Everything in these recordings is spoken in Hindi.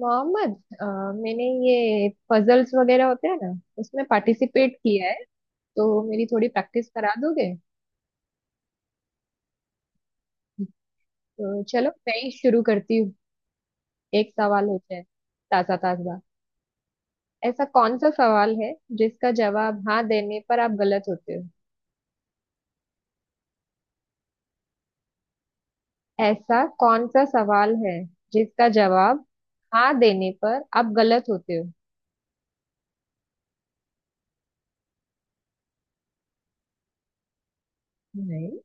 मोहम्मद, अ, मैंने ये पजल्स वगैरह होते हैं ना, उसमें पार्टिसिपेट किया है। तो मेरी थोड़ी प्रैक्टिस करा दोगे? तो चलो मैं ही शुरू करती हूँ। एक सवाल हो जाए, ताजा ताजा। ऐसा कौन सा सवाल है जिसका जवाब हाँ देने पर आप गलत होते हो? ऐसा कौन सा सवाल है जिसका जवाब हाँ देने पर आप गलत होते हो? नहीं।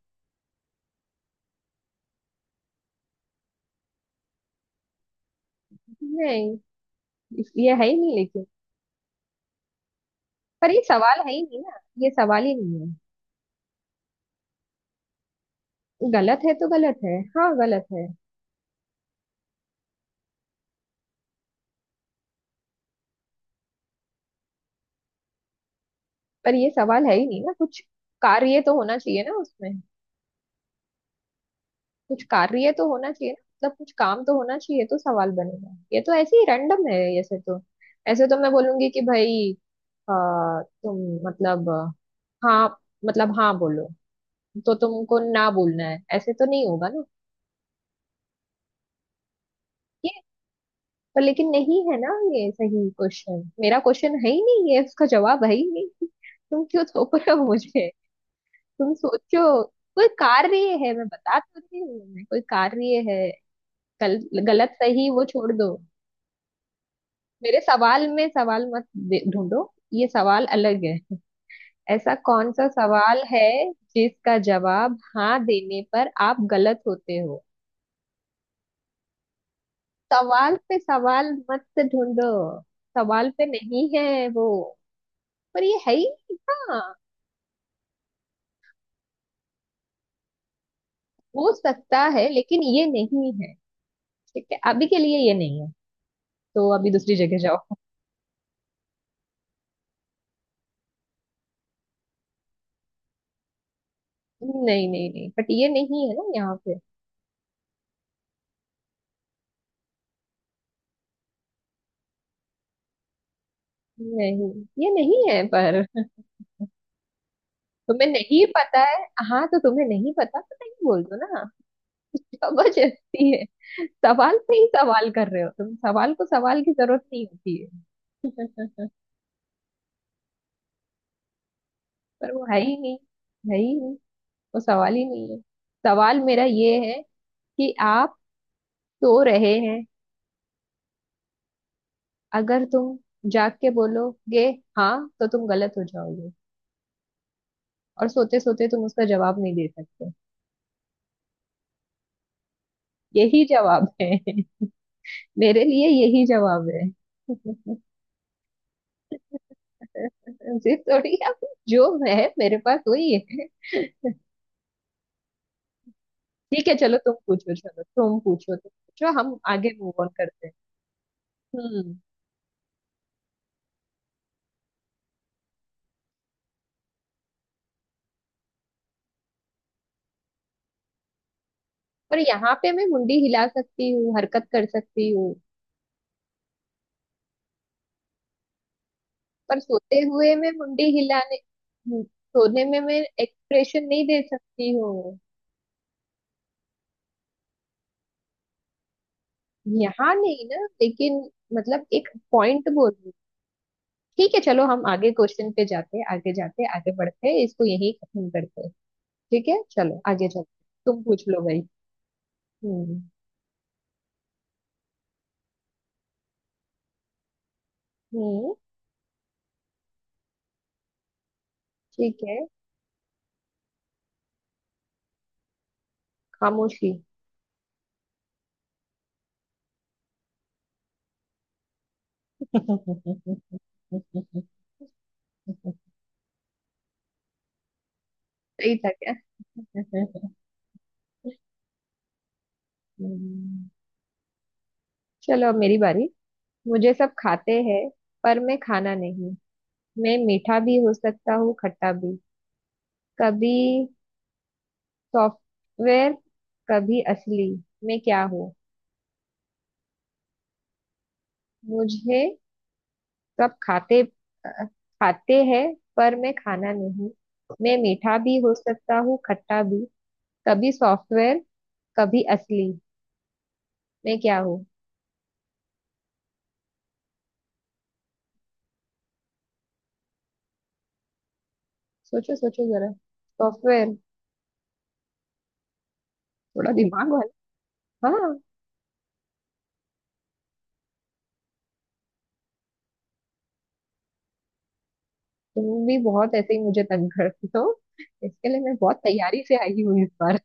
नहीं, ये है ही नहीं लेकिन। पर ये सवाल है ही नहीं ना। ये सवाल ही नहीं है। गलत है तो गलत है, हाँ गलत है। पर ये सवाल है ही नहीं ना। कुछ कार्य तो होना चाहिए ना उसमें। कुछ कार्य तो होना चाहिए ना। मतलब कुछ काम तो होना चाहिए तो सवाल बनेगा। ये तो ऐसे ही रैंडम है। ऐसे तो, ऐसे तो मैं बोलूंगी कि भाई, तुम, मतलब, हाँ, मतलब हाँ बोलो तो तुमको ना बोलना है, ऐसे तो नहीं होगा ना। ये, पर लेकिन नहीं है ना। ये सही क्वेश्चन, मेरा क्वेश्चन है ही नहीं, ये उसका जवाब है ही नहीं। तुम क्यों थोप रहे हो मुझे? तुम सोचो, कोई कार्य है, मैं बता तो रही हूँ, मैं कोई कार्य है, गल, गलत सही वो छोड़ दो। मेरे सवाल में सवाल मत ढूंढो। ये सवाल अलग है। ऐसा कौन सा सवाल है जिसका जवाब हाँ देने पर आप गलत होते हो? सवाल पे सवाल मत ढूंढो। सवाल पे नहीं है वो, पर ये है ही। हाँ, हो सकता है लेकिन ये नहीं है। ठीक है, अभी के लिए ये नहीं है, तो अभी दूसरी जगह जाओ। नहीं नहीं नहीं, बट ये नहीं है ना यहाँ पे। नहीं, ये नहीं है पर। तुम्हें नहीं पता है। हाँ तो तुम्हें नहीं पता तो नहीं बोल दो ना। जबरदस्ती है। सवाल पे ही सवाल कर रहे हो तुम, सवाल को सवाल की जरूरत नहीं होती है। पर वो है ही नहीं, है ही नहीं, वो सवाल ही नहीं है। सवाल मेरा ये है कि आप सो रहे हैं। अगर तुम जाग के बोलोगे हाँ, तो तुम गलत हो जाओगे। और सोते सोते तुम उसका जवाब नहीं दे सकते। यही जवाब है। मेरे लिए यही जवाब है। जी थोड़ी आप, जो है मेरे पास वही है। ठीक है, चलो तुम पूछो, चलो तुम पूछो, तुम पूछो, हम आगे मूव ऑन करते हैं। हम्म। पर यहाँ पे मैं मुंडी हिला सकती हूँ, हरकत कर सकती हूँ। पर सोते हुए मैं मुंडी हिलाने, सोने में मैं एक्सप्रेशन नहीं दे सकती हूँ। यहाँ नहीं ना लेकिन, मतलब एक पॉइंट बोल रही हूँ। ठीक है, चलो हम आगे क्वेश्चन पे जाते, आगे जाते, आगे बढ़ते, इसको यही खत्म करते। ठीक है, चलो आगे चलो। तुम पूछ लो भाई। हम्म हम्म। ठीक है। खामोशी। सही था क्या? हम्म, चलो अब मेरी बारी। मुझे सब खाते हैं पर मैं खाना नहीं। मैं मीठा भी हो सकता हूँ खट्टा भी। कभी सॉफ्टवेयर, कभी असली। मैं क्या हूँ? मुझे सब खाते, खाते हैं पर मैं खाना नहीं। मैं मीठा भी हो सकता हूँ खट्टा भी। कभी सॉफ्टवेयर, कभी असली। मैं क्या हूँ? सोचो सोचो जरा। सॉफ्टवेयर, थोड़ा दिमाग वाला। हाँ। तुम भी बहुत ऐसे ही मुझे तंग करती हो, इसके लिए मैं बहुत तैयारी से आई हूँ इस बार।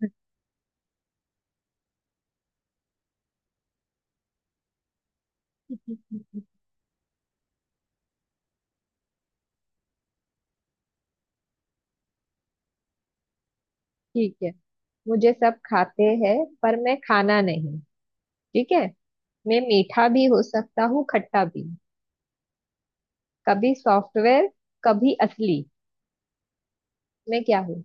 ठीक है, मुझे सब खाते हैं पर मैं खाना नहीं। ठीक है। मैं मीठा भी हो सकता हूँ खट्टा भी। कभी सॉफ्टवेयर, कभी असली। मैं क्या हूँ?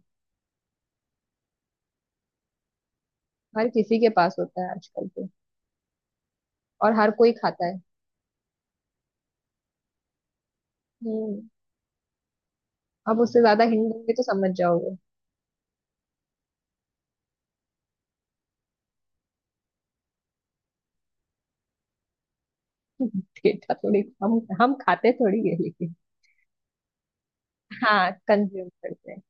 हर किसी के पास होता है आजकल तो, और हर कोई खाता है। हम्म। अब उससे ज्यादा हिंट दूंगी तो समझ जाओगे। डेटा थोड़ी हम खाते थोड़ी है लेकिन। हाँ, कंज्यूम करते हैं।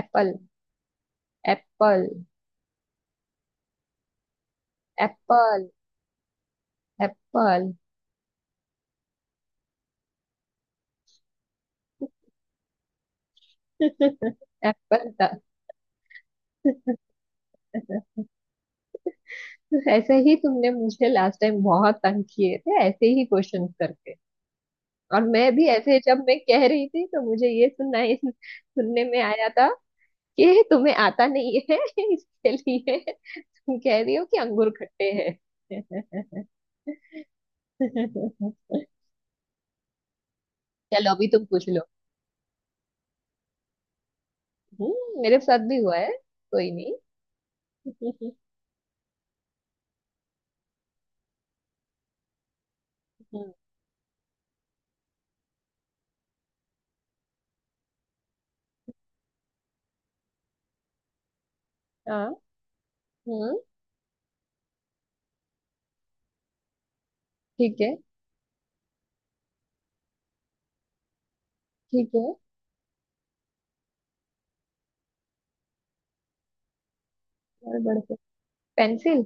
Apple. Apple. Apple. Apple. Apple था। ऐसे ही तुमने मुझे लास्ट टाइम बहुत तंग किए थे, ऐसे ही क्वेश्चन करके। और मैं भी ऐसे, जब मैं कह रही थी तो मुझे ये सुनना, सुनने में आया था कि तुम्हें आता नहीं है। इसके लिए तुम कह रही हो कि अंगूर खट्टे हैं। चलो अभी तुम पूछ लो। मेरे साथ भी हुआ है। कोई नहीं। हम्म। हाँ। हम्म। ठीक है। ठीक है। और बढ़ते। पेंसिल।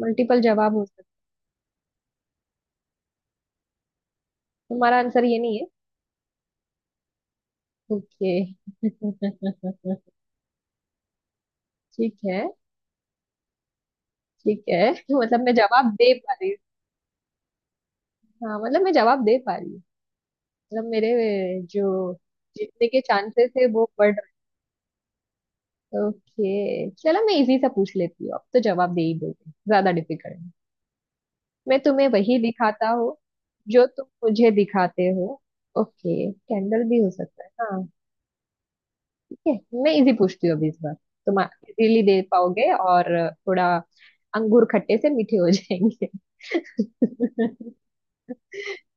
मल्टीपल जवाब हो सकते। तुम्हारा आंसर ये नहीं है। ओके। ठीक है। ठीक है। मतलब मैं जवाब दे पा रही हूँ, हाँ, मतलब मैं जवाब दे पा रही हूँ। मतलब मेरे जो जीतने के चांसेस है वो बढ़ रहे। ओके चलो मैं इजी सा पूछ लेती हूँ, अब तो जवाब दे ही दोगे, ज्यादा डिफिकल्ट। मैं तुम्हें वही दिखाता हूँ जो तुम मुझे दिखाते हो। ओके कैंडल भी हो सकता है, हाँ। ठीक है मैं इजी पूछती हूँ अभी इस बार, तुम इजीली दे पाओगे और थोड़ा। अंगूर खट्टे से मीठे हो जाएंगे।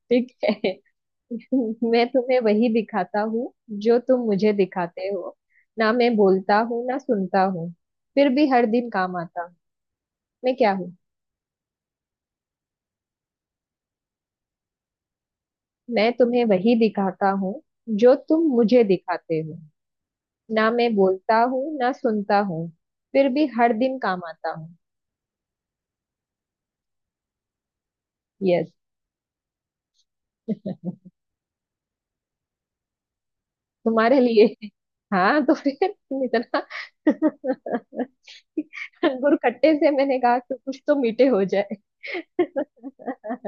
ठीक है। मैं तुम्हें वही दिखाता हूँ जो तुम मुझे दिखाते हो। ना मैं बोलता हूँ ना सुनता हूँ, फिर भी हर दिन काम आता हूँ। मैं क्या हूँ? मैं तुम्हें वही दिखाता हूँ जो तुम मुझे दिखाते हो। ना मैं बोलता हूँ ना सुनता हूँ, फिर भी हर दिन काम आता हूँ। यस। तुम्हारे लिए। हाँ तो फिर तुम इतना। गुड़ खट्टे से मैंने कहा कि कुछ तो मीठे हो जाए।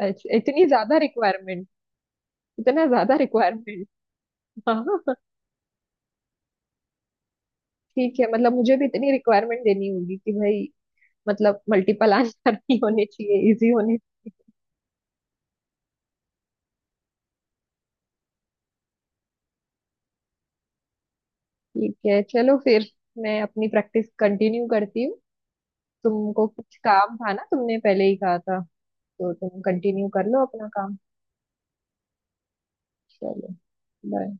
अच्छा इतनी ज्यादा रिक्वायरमेंट, इतना ज्यादा रिक्वायरमेंट। हाँ। ठीक है, मतलब मुझे भी इतनी रिक्वायरमेंट देनी होगी कि भाई, मतलब मल्टीपल आंसर भी होने चाहिए, इजी होने। ठीक है चलो फिर, मैं अपनी प्रैक्टिस कंटिन्यू करती हूँ। तुमको कुछ काम था ना, तुमने पहले ही कहा था, तो तुम कंटिन्यू कर लो अपना काम। चलो। बाय।